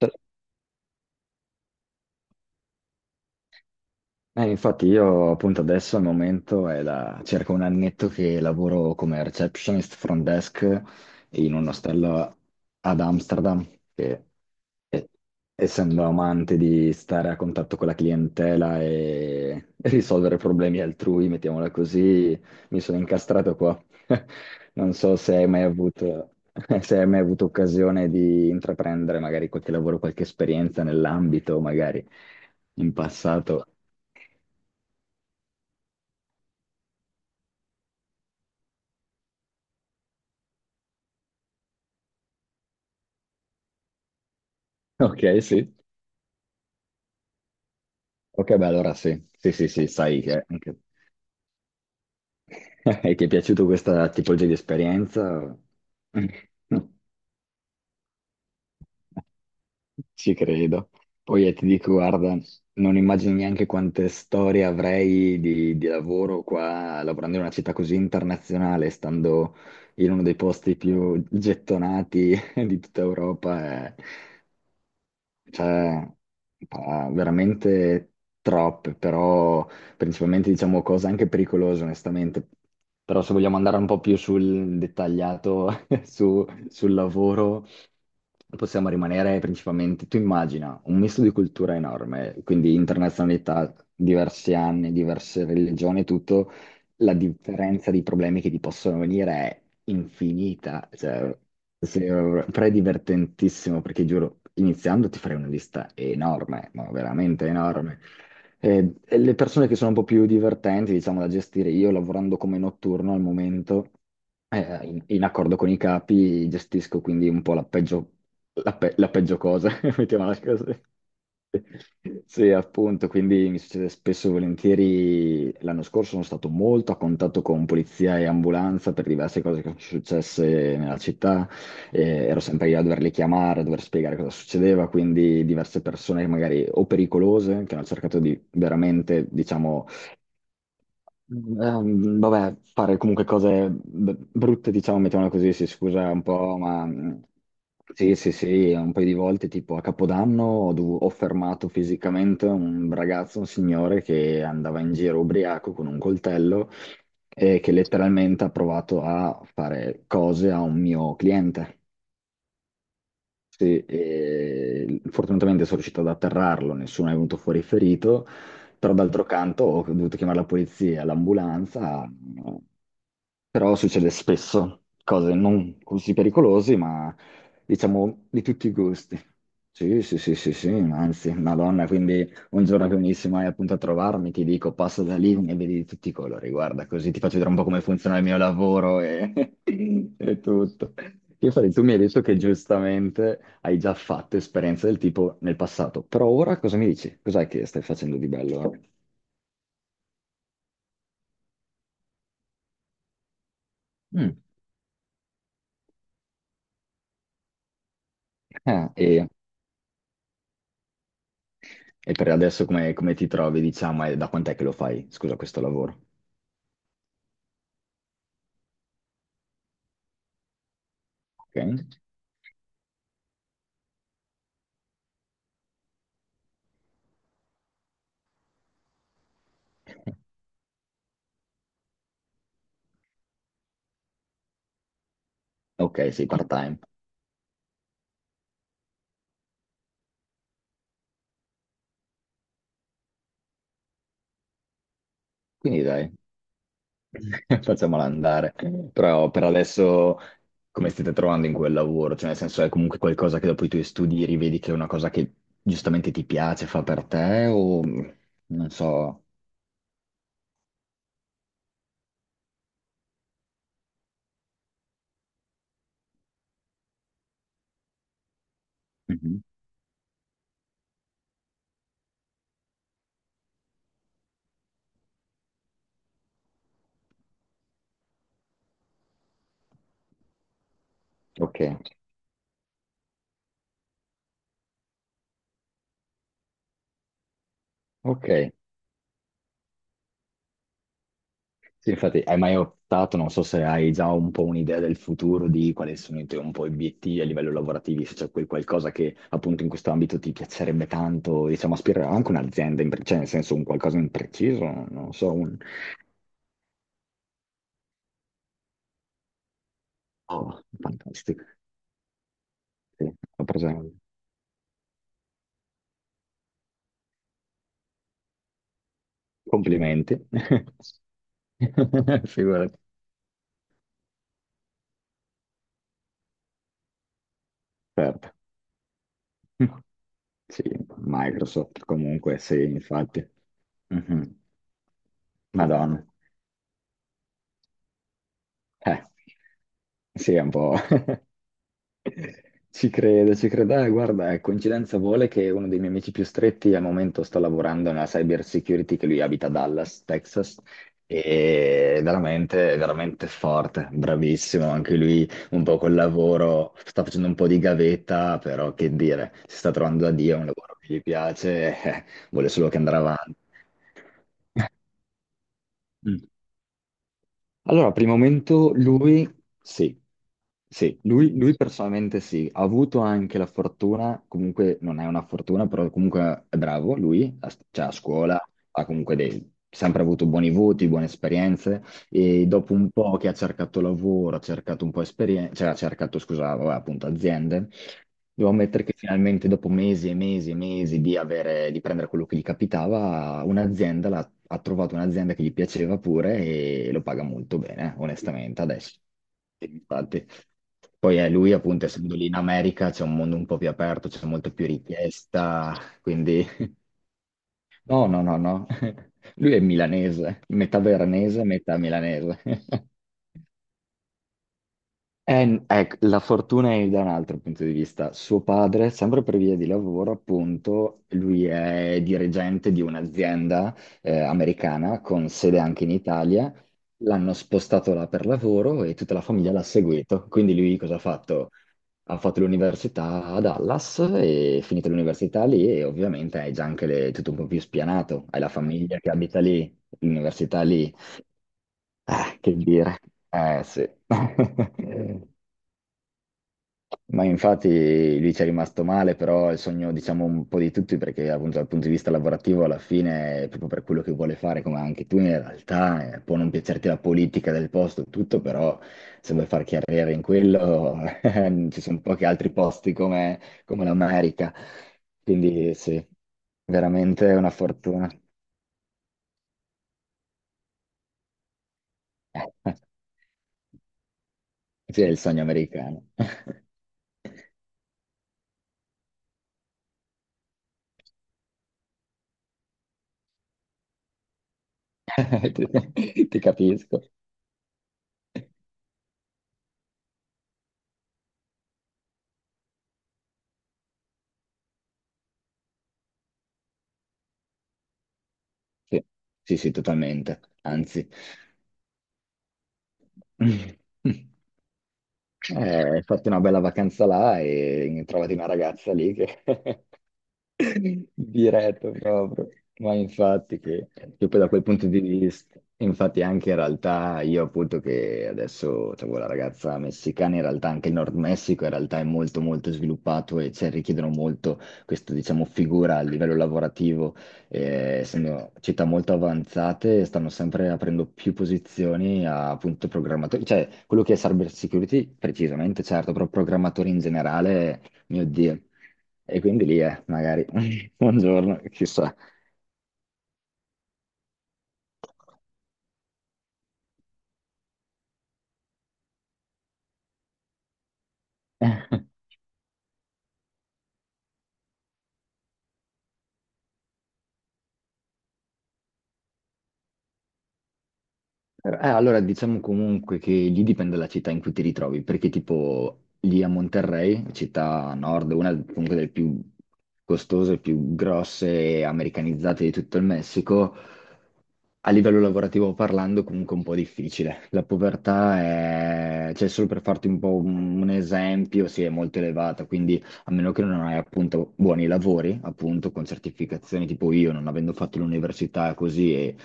Eh, Infatti io appunto adesso al momento è da circa un annetto che lavoro come receptionist front desk in un ostello ad Amsterdam, che e- essendo amante di stare a contatto con la clientela e e risolvere problemi altrui, mettiamola così, mi sono incastrato qua. Non so se hai mai avuto, se hai mai avuto occasione di intraprendere magari qualche lavoro, qualche esperienza nell'ambito, magari in passato. Ok, sì. Ok, beh, allora sì. Sì, sì, sì, sai che anche- e ti è piaciuta questa tipologia di esperienza? Ci credo. Poi ti dico, guarda, non immagini neanche quante storie avrei di lavoro qua, lavorando in una città così internazionale, stando in uno dei posti più gettonati di tutta Europa. Cioè, veramente troppe, però principalmente diciamo cose anche pericolose, onestamente. Però se vogliamo andare un po' più sul dettagliato sul lavoro, possiamo rimanere principalmente, tu immagina, un misto di cultura enorme, quindi internazionalità, diversi anni, diverse religioni, tutto la differenza di problemi che ti possono venire è infinita. Cioè, se- però è divertentissimo perché giuro, iniziando ti farei una lista enorme, ma veramente enorme. E le persone che sono un po' più divertenti, diciamo, da gestire, io lavorando come notturno al momento, in accordo con i capi, gestisco quindi un po' la peggio, la peggio cosa, mettiamola così. Sì, appunto, quindi mi succede spesso e volentieri. L'anno scorso sono stato molto a contatto con polizia e ambulanza per diverse cose che sono successe nella città. Ero sempre io a doverle chiamare, a dover spiegare cosa succedeva, quindi diverse persone magari o pericolose che hanno cercato di veramente, diciamo, vabbè, fare comunque cose brutte, diciamo, mettiamola così, si scusa un po', ma sì, sì, sì, un paio di volte, tipo a Capodanno, ho fermato fisicamente un ragazzo, un signore che andava in giro ubriaco con un coltello e che letteralmente ha provato a fare cose a un mio cliente. Sì, e fortunatamente sono riuscito ad atterrarlo, nessuno è venuto fuori ferito, però d'altro canto ho dovuto chiamare la polizia, l'ambulanza, però succede spesso, cose non così pericolosi, ma diciamo di tutti i gusti. Sì, sì, sì, sì, sì, anzi, Madonna, quindi un giorno che venissi mai appunto a trovarmi, ti dico, passa da lì e vedi di tutti i colori, guarda, così ti faccio vedere un po' come funziona il mio lavoro e, e tutto. Io farei, tu mi hai detto che giustamente hai già fatto esperienze del tipo nel passato, però ora cosa mi dici? Cos'è che stai facendo di bello? Mm. Ah, E per adesso come ti trovi, diciamo, e da quant'è che lo fai? Scusa, questo lavoro. Ok, ok, sei part-time. Quindi dai, facciamola andare. Però per adesso come state trovando in quel lavoro? Cioè, nel senso, è comunque qualcosa che dopo i tuoi studi rivedi che è una cosa che giustamente ti piace, fa per te o non so. Mhm. Ok, ok. Sì, infatti, hai mai optato, non so se hai già un po' un'idea del futuro, di quali sono i tuoi un po' obiettivi a livello lavorativo, se c'è quel qualcosa che appunto in questo ambito ti piacerebbe tanto, diciamo, aspirare anche un'azienda, in pre- cioè nel senso un qualcosa in preciso, non so, un... Oh, fantastico, sì, ho preso- Complimenti. Figurati, certo. Sì, Microsoft comunque, sì, infatti. Mhm. Madonna. Eh, sì, è un po'... Ci credo, ci credo. Guarda, coincidenza vuole che uno dei miei amici più stretti al momento sta lavorando nella cyber security, che lui abita a Dallas, Texas, e è veramente forte, bravissimo. Anche lui un po' col lavoro, sta facendo un po' di gavetta, però che dire, si sta trovando da Dio, è un lavoro che gli piace, vuole solo che andrà avanti. Allora, primo momento lui sì, sì, lui personalmente sì, ha avuto anche la fortuna, comunque non è una fortuna, però comunque è bravo lui, cioè a scuola ha comunque sempre avuto buoni voti, buone esperienze e dopo un po' che ha cercato lavoro, ha cercato un po' esperienza, cioè ha cercato, scusa, vabbè, appunto aziende, devo ammettere che finalmente dopo mesi e mesi e mesi di avere, di prendere quello che gli capitava, un'azienda l'ha ha trovato un'azienda che gli piaceva pure e lo paga molto bene, onestamente, adesso. Infatti. Poi lui, appunto, essendo lì in America, c'è un mondo un po' più aperto, c'è molto più richiesta, quindi... No, no, no, no. Lui è milanese, metà veronese, metà milanese. Ecco, la fortuna è da un altro punto di vista. Suo padre, sempre per via di lavoro, appunto, lui è dirigente di un'azienda americana con sede anche in Italia. L'hanno spostato là per lavoro e tutta la famiglia l'ha seguito. Quindi lui cosa ha fatto? Ha fatto l'università a Dallas e finita l'università lì e ovviamente hai già anche le- tutto un po' più spianato. Hai la famiglia che abita lì, l'università lì. Ah, che dire. Eh sì. Ma infatti lui ci è rimasto male, però è il sogno, diciamo, un po' di tutti, perché appunto dal punto di vista lavorativo alla fine, proprio per quello che vuole fare, come anche tu in realtà, può non piacerti la politica del posto, e tutto, però se vuoi far carriera in quello, ci sono pochi altri posti come, come l'America. Quindi sì, veramente è una fortuna. Sì, è il sogno americano. Ti capisco. Sì, sì, sì, totalmente. Anzi. Fatti una bella vacanza là e trovati una ragazza lì che Diretto proprio, ma infatti che poi da quel punto di vista, infatti anche in realtà io appunto che adesso avevo la ragazza messicana, in realtà anche il Nord Messico in realtà è molto molto sviluppato e cioè, richiedono molto questa diciamo figura a livello lavorativo, essendo città molto avanzate stanno sempre aprendo più posizioni a appunto programmatori, cioè quello che è cyber security precisamente certo, però programmatori in generale, mio Dio. E quindi lì è, magari, un giorno, chissà. Allora diciamo comunque che lì dipende dalla città in cui ti ritrovi, perché tipo lì a Monterrey, città a nord, una comunque delle più costose, più grosse e americanizzate di tutto il Messico, a livello lavorativo parlando, comunque è un po' difficile. La povertà è, cioè, solo per farti un po' un esempio, sì, è molto elevata, quindi a meno che non hai appunto buoni lavori, appunto, con certificazioni tipo io, non avendo fatto l'università così, e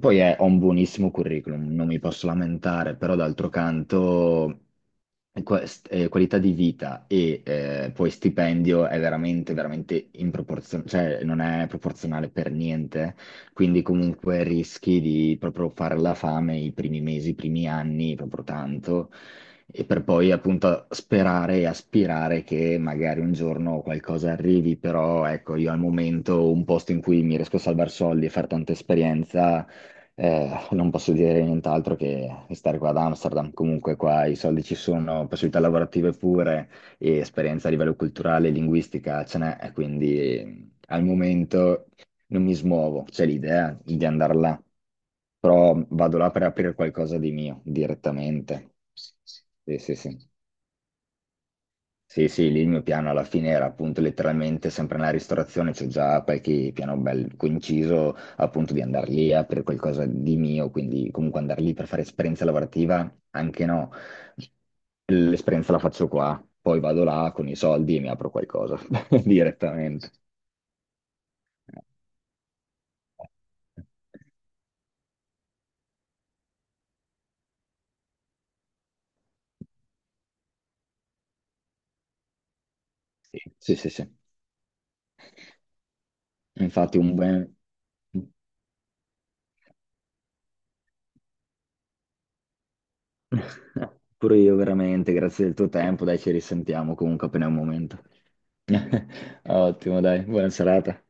poi ho un buonissimo curriculum, non mi posso lamentare, però d'altro canto qualità di vita e poi stipendio è veramente, veramente in proporzione, cioè non è proporzionale per niente quindi comunque rischi di proprio fare la fame i primi mesi, i primi anni, proprio tanto, e per poi appunto sperare e aspirare che magari un giorno qualcosa arrivi, però ecco, io al momento un posto in cui mi riesco a salvare soldi e fare tanta esperienza, non posso dire nient'altro che stare qua ad Amsterdam, comunque qua i soldi ci sono, possibilità lavorative pure e esperienza a livello culturale e linguistica ce n'è, quindi al momento non mi smuovo, c'è l'idea di andare là, però vado là per aprire qualcosa di mio direttamente. Sì, sì, sì. Sì, sì, lì il mio piano alla fine era appunto letteralmente sempre nella ristorazione, c'ho già qualche piano bello coinciso appunto di andare lì a aprire qualcosa di mio, quindi comunque andare lì per fare esperienza lavorativa, anche no, l'esperienza la faccio qua, poi vado là con i soldi e mi apro qualcosa direttamente. Sì, sì, sì. Sì. Infatti un bel... Pure io veramente, grazie del tuo tempo, dai, ci risentiamo comunque appena è un momento. Ottimo, dai, buona serata.